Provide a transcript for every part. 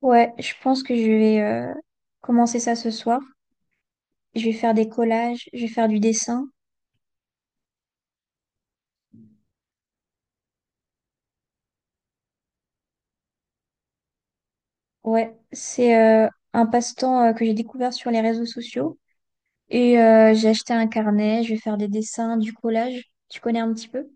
Ouais, je pense que je vais commencer ça ce soir. Je vais faire des collages, je vais faire du dessin. Ouais, c'est un passe-temps que j'ai découvert sur les réseaux sociaux. J'ai acheté un carnet, je vais faire des dessins, du collage. Tu connais un petit peu?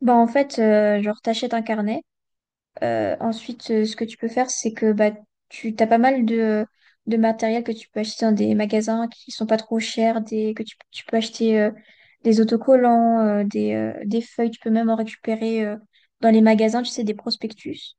Genre t'achètes un carnet. Ensuite, ce que tu peux faire, c'est que tu as pas mal de matériel que tu peux acheter dans des magasins qui sont pas trop chers, tu peux acheter des autocollants, des feuilles, tu peux même en récupérer dans les magasins, tu sais, des prospectus.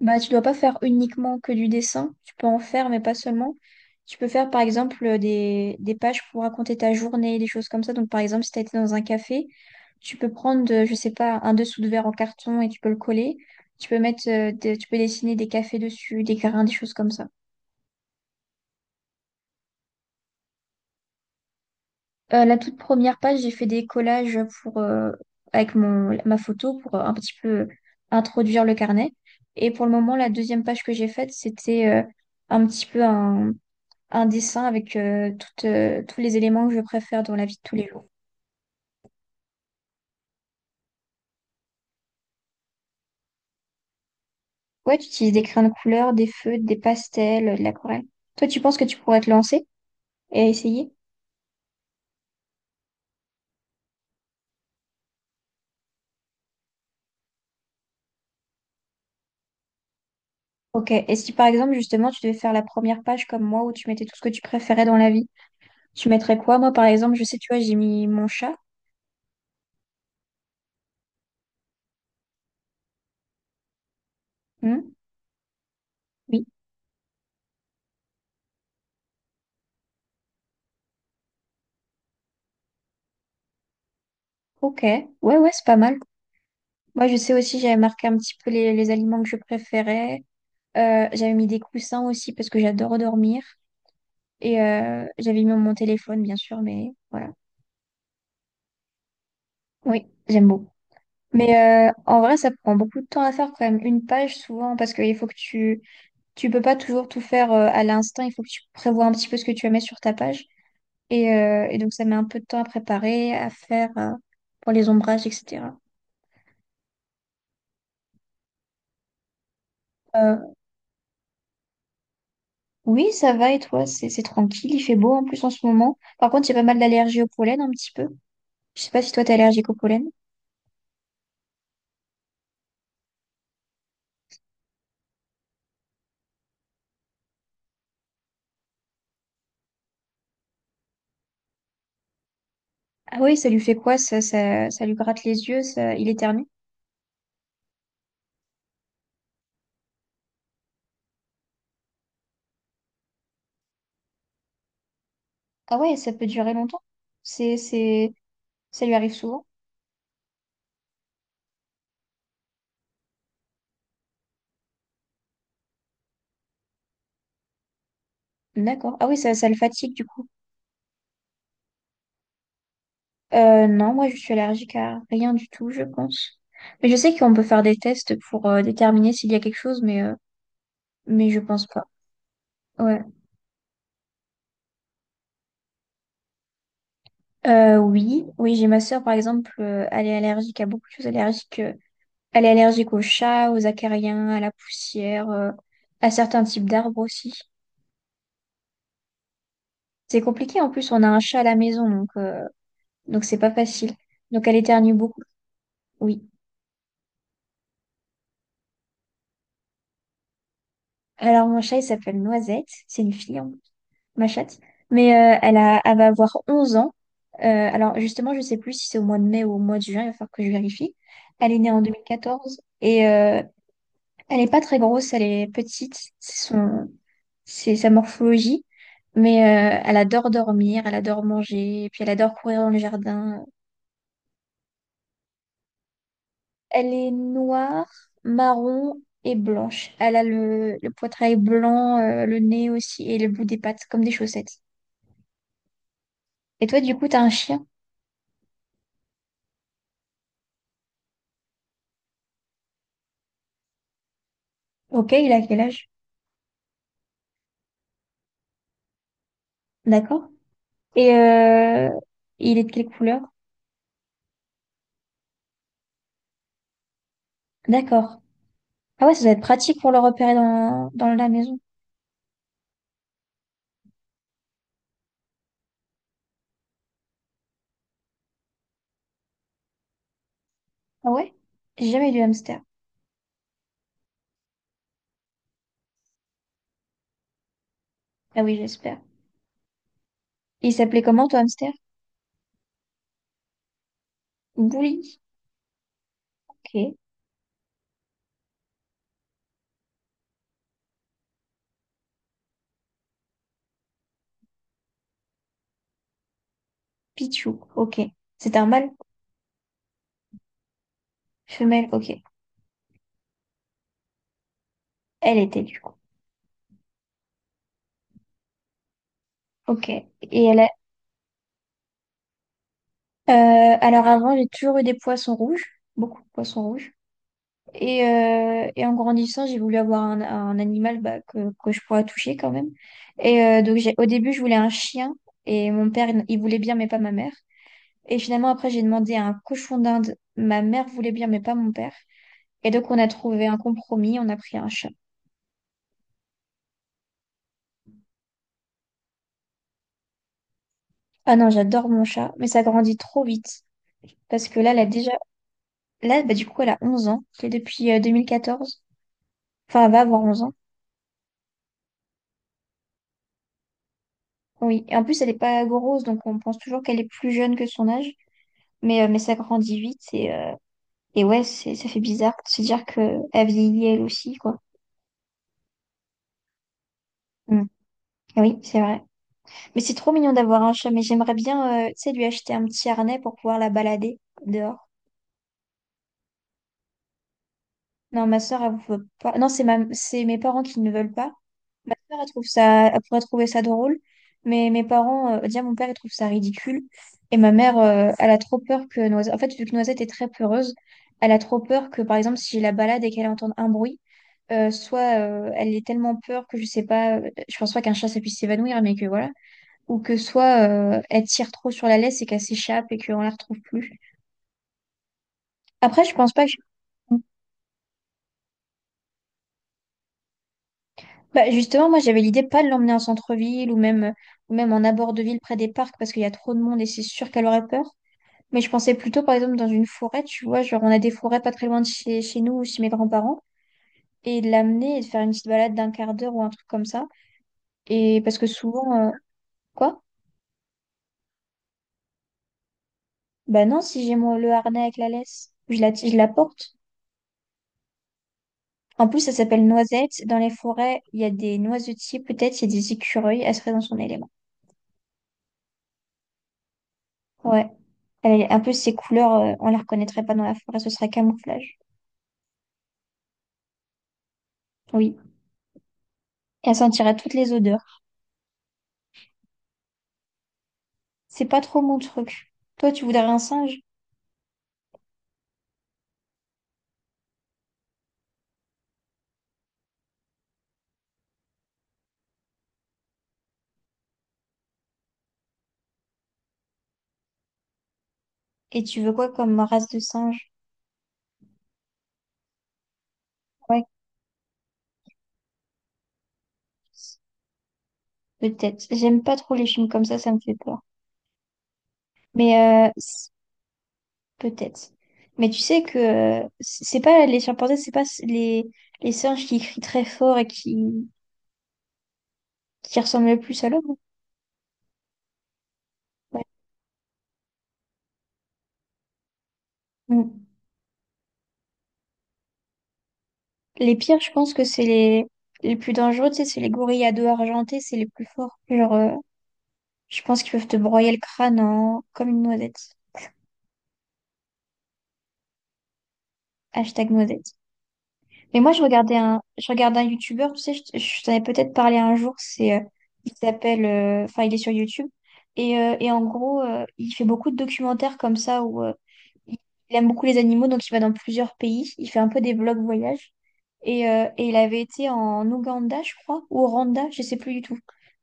Bah, tu dois pas faire uniquement que du dessin, tu peux en faire, mais pas seulement. Tu peux faire par exemple des pages pour raconter ta journée, des choses comme ça. Donc par exemple, si tu as été dans un café, tu peux prendre, je sais pas, un dessous de verre en carton et tu peux le coller. Tu peux mettre, tu peux dessiner des cafés dessus, des grains, des choses comme ça. La toute première page, j'ai fait des collages pour, avec ma photo pour un petit peu introduire le carnet. Et pour le moment, la deuxième page que j'ai faite, c'était un petit peu un dessin avec tous les éléments que je préfère dans la vie de tous les jours. Ouais, tu utilises des crayons de couleur, des feutres, des pastels, de l'aquarelle. Toi, tu penses que tu pourrais te lancer et essayer? Ok. Et si par exemple, justement, tu devais faire la première page comme moi où tu mettais tout ce que tu préférais dans la vie, tu mettrais quoi? Moi, par exemple, je sais, tu vois, j'ai mis mon chat. Hmm. Oui. Ok. Ouais, ouais, c'est pas mal. Moi, je sais aussi, j'avais marqué un petit peu les aliments que je préférais. J'avais mis des coussins aussi parce que j'adore dormir. J'avais mis mon téléphone, bien sûr, mais voilà. Oui, j'aime beaucoup. En vrai, ça prend beaucoup de temps à faire quand même. Une page, souvent, parce qu'il faut que tu… Tu peux pas toujours tout faire à l'instinct. Il faut que tu prévois un petit peu ce que tu vas mettre sur ta page. Et donc, ça met un peu de temps à préparer, à faire pour les ombrages, etc. Euh, oui, ça va. Et toi, c'est tranquille. Il fait beau en plus en ce moment. Par contre, j'ai pas mal d'allergie au pollen un petit peu. Je sais pas si toi, t'es allergique au pollen. Ah oui, ça lui fait quoi? Ça lui gratte les yeux, ça, il éternue. Ah ouais, ça peut durer longtemps. C'est, c'est, Ça lui arrive souvent. D'accord. Ah oui, ça le fatigue du coup. Non, moi je suis allergique à rien du tout, je pense. Mais je sais qu'on peut faire des tests pour déterminer s'il y a quelque chose, mais mais je pense pas. Ouais. Oui, j'ai ma sœur par exemple, elle est allergique à beaucoup de choses allergiques. Elle est allergique aux chats, aux acariens, à la poussière, à certains types d'arbres aussi. C'est compliqué en plus, on a un chat à la maison, donc c'est pas facile. Donc elle éternue beaucoup. Oui. Alors mon chat il s'appelle Noisette, c'est une fille. Ma chatte. Mais elle a, elle va avoir 11 ans. Alors justement, je sais plus si c'est au mois de mai ou au mois de juin, il va falloir que je vérifie. Elle est née en deux mille quatorze elle n'est pas très grosse, elle est petite, c'est sa morphologie. Mais elle adore dormir, elle adore manger, et puis elle adore courir dans le jardin. Elle est noire, marron et blanche. Elle a le poitrail blanc, le nez aussi et le bout des pattes, comme des chaussettes. Et toi, du coup, t'as un chien. Ok, il a quel âge? D'accord. Et euh, il est de quelle couleur? D'accord. Ah ouais, ça doit être pratique pour le repérer dans la maison. Ah ouais? J'ai jamais eu de hamster. Ah oui, j'espère. Et il s'appelait comment, ton hamster? Bouli. Ok. Pichou. Ok. C'était un mâle? Femelle. Ok. Elle était, du coup. Ok. Et elle a… Alors avant, j'ai toujours eu des poissons rouges. Beaucoup de poissons rouges. Et en grandissant, j'ai voulu avoir un animal que je pourrais toucher quand même. Au début, je voulais un chien. Et mon père, il voulait bien, mais pas ma mère. Et finalement, après, j'ai demandé un cochon d'Inde. Ma mère voulait bien, mais pas mon père. Et donc, on a trouvé un compromis. On a pris un chat. Ah non, j'adore mon chat, mais ça grandit trop vite. Parce que là, elle a déjà… Là, bah, du coup, elle a 11 ans. C'est depuis 2014. Enfin, elle va avoir 11 ans. Oui. Et en plus, elle n'est pas grosse, donc on pense toujours qu'elle est plus jeune que son âge. Mais ça grandit vite et ça fait bizarre de se dire que elle vieillit elle aussi, quoi. Mm. Ah, oui, c'est vrai. Mais c'est trop mignon d'avoir un chat, mais j'aimerais bien, tu sais, lui acheter un petit harnais pour pouvoir la balader dehors. Non, ma soeur, elle veut pas. Non, c'est ma… c'est mes parents qui ne veulent pas. Ma soeur, elle trouve ça, elle pourrait trouver ça drôle, mais mes parents, déjà mon père, il trouve ça ridicule. Et ma mère, elle a trop peur que Noisette, en fait, vu que Noisette est très peureuse, elle a trop peur que, par exemple, si je la balade et qu'elle entende un bruit, soit elle ait tellement peur que je sais pas, je pense pas qu'un chat ça puisse s'évanouir, mais que voilà, ou que soit elle tire trop sur la laisse et qu'elle s'échappe et qu'on la retrouve plus. Après, je pense pas que… Bah justement, moi j'avais l'idée pas de l'emmener en centre-ville ou même en abord de ville près des parcs parce qu'il y a trop de monde et c'est sûr qu'elle aurait peur. Mais je pensais plutôt par exemple dans une forêt, tu vois, genre on a des forêts pas très loin de chez nous ou chez mes grands-parents et de l'amener et de faire une petite balade d'1/4 d'heure ou un truc comme ça. Et parce que souvent, euh, quoi? Bah non, si j'ai le harnais avec la laisse, je la porte. En plus, ça s'appelle noisette. Dans les forêts, il y a des noisetiers peut-être, il y a des écureuils, elle serait dans son élément. Ouais. Elle… En plus, ses couleurs, on les reconnaîtrait pas dans la forêt, ce serait camouflage. Oui. Et elle sentirait toutes les odeurs. C'est pas trop mon truc. Toi, tu voudrais un singe? Et tu veux quoi comme race de singe? Ouais, peut-être. J'aime pas trop les films comme ça me fait peur. Mais euh, c- Peut-être. Mais tu sais que c'est pas les chimpanzés, c'est pas s- les singes qui crient très fort et qui ressemblent le plus à l'homme. Ouais. Mm. Les pires, je pense que les plus dangereux, tu sais, c'est les gorilles à dos argentés, c'est les plus forts. Je pense qu'ils peuvent te broyer le crâne en- comme une noisette. Hashtag noisette. Mais moi, je regardais un YouTuber, tu sais, je t'en ai peut-être parlé un jour, il s'appelle, enfin, il est sur YouTube. Il fait beaucoup de documentaires comme ça où il il aime beaucoup les animaux, donc il va dans plusieurs pays. Il fait un peu des vlogs voyages. Et il avait été en Ouganda, je crois, ou au Rwanda, je sais plus du tout.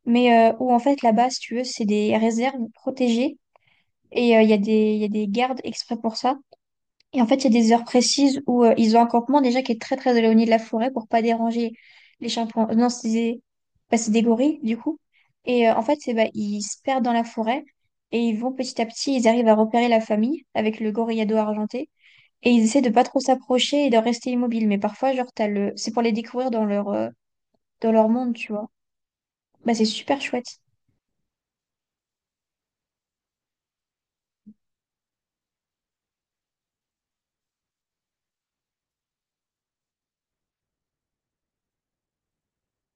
Où en fait, là-bas, si tu veux, c'est des réserves protégées. Il y a il y a des gardes exprès pour ça. Et en fait, il y a des heures précises où ils ont un campement déjà qui est très très éloigné de la forêt pour pas déranger les chimpanzés. Non, c'est des… bah, c'est des gorilles du coup. Et en fait, c'est bah, Ils se perdent dans la forêt et ils vont petit à petit, ils arrivent à repérer la famille avec le gorillado argenté et ils essaient de pas trop s'approcher et de rester immobiles. Mais parfois, genre, t'as le… c'est pour les découvrir dans leur monde, tu vois. Bah, c'est super chouette.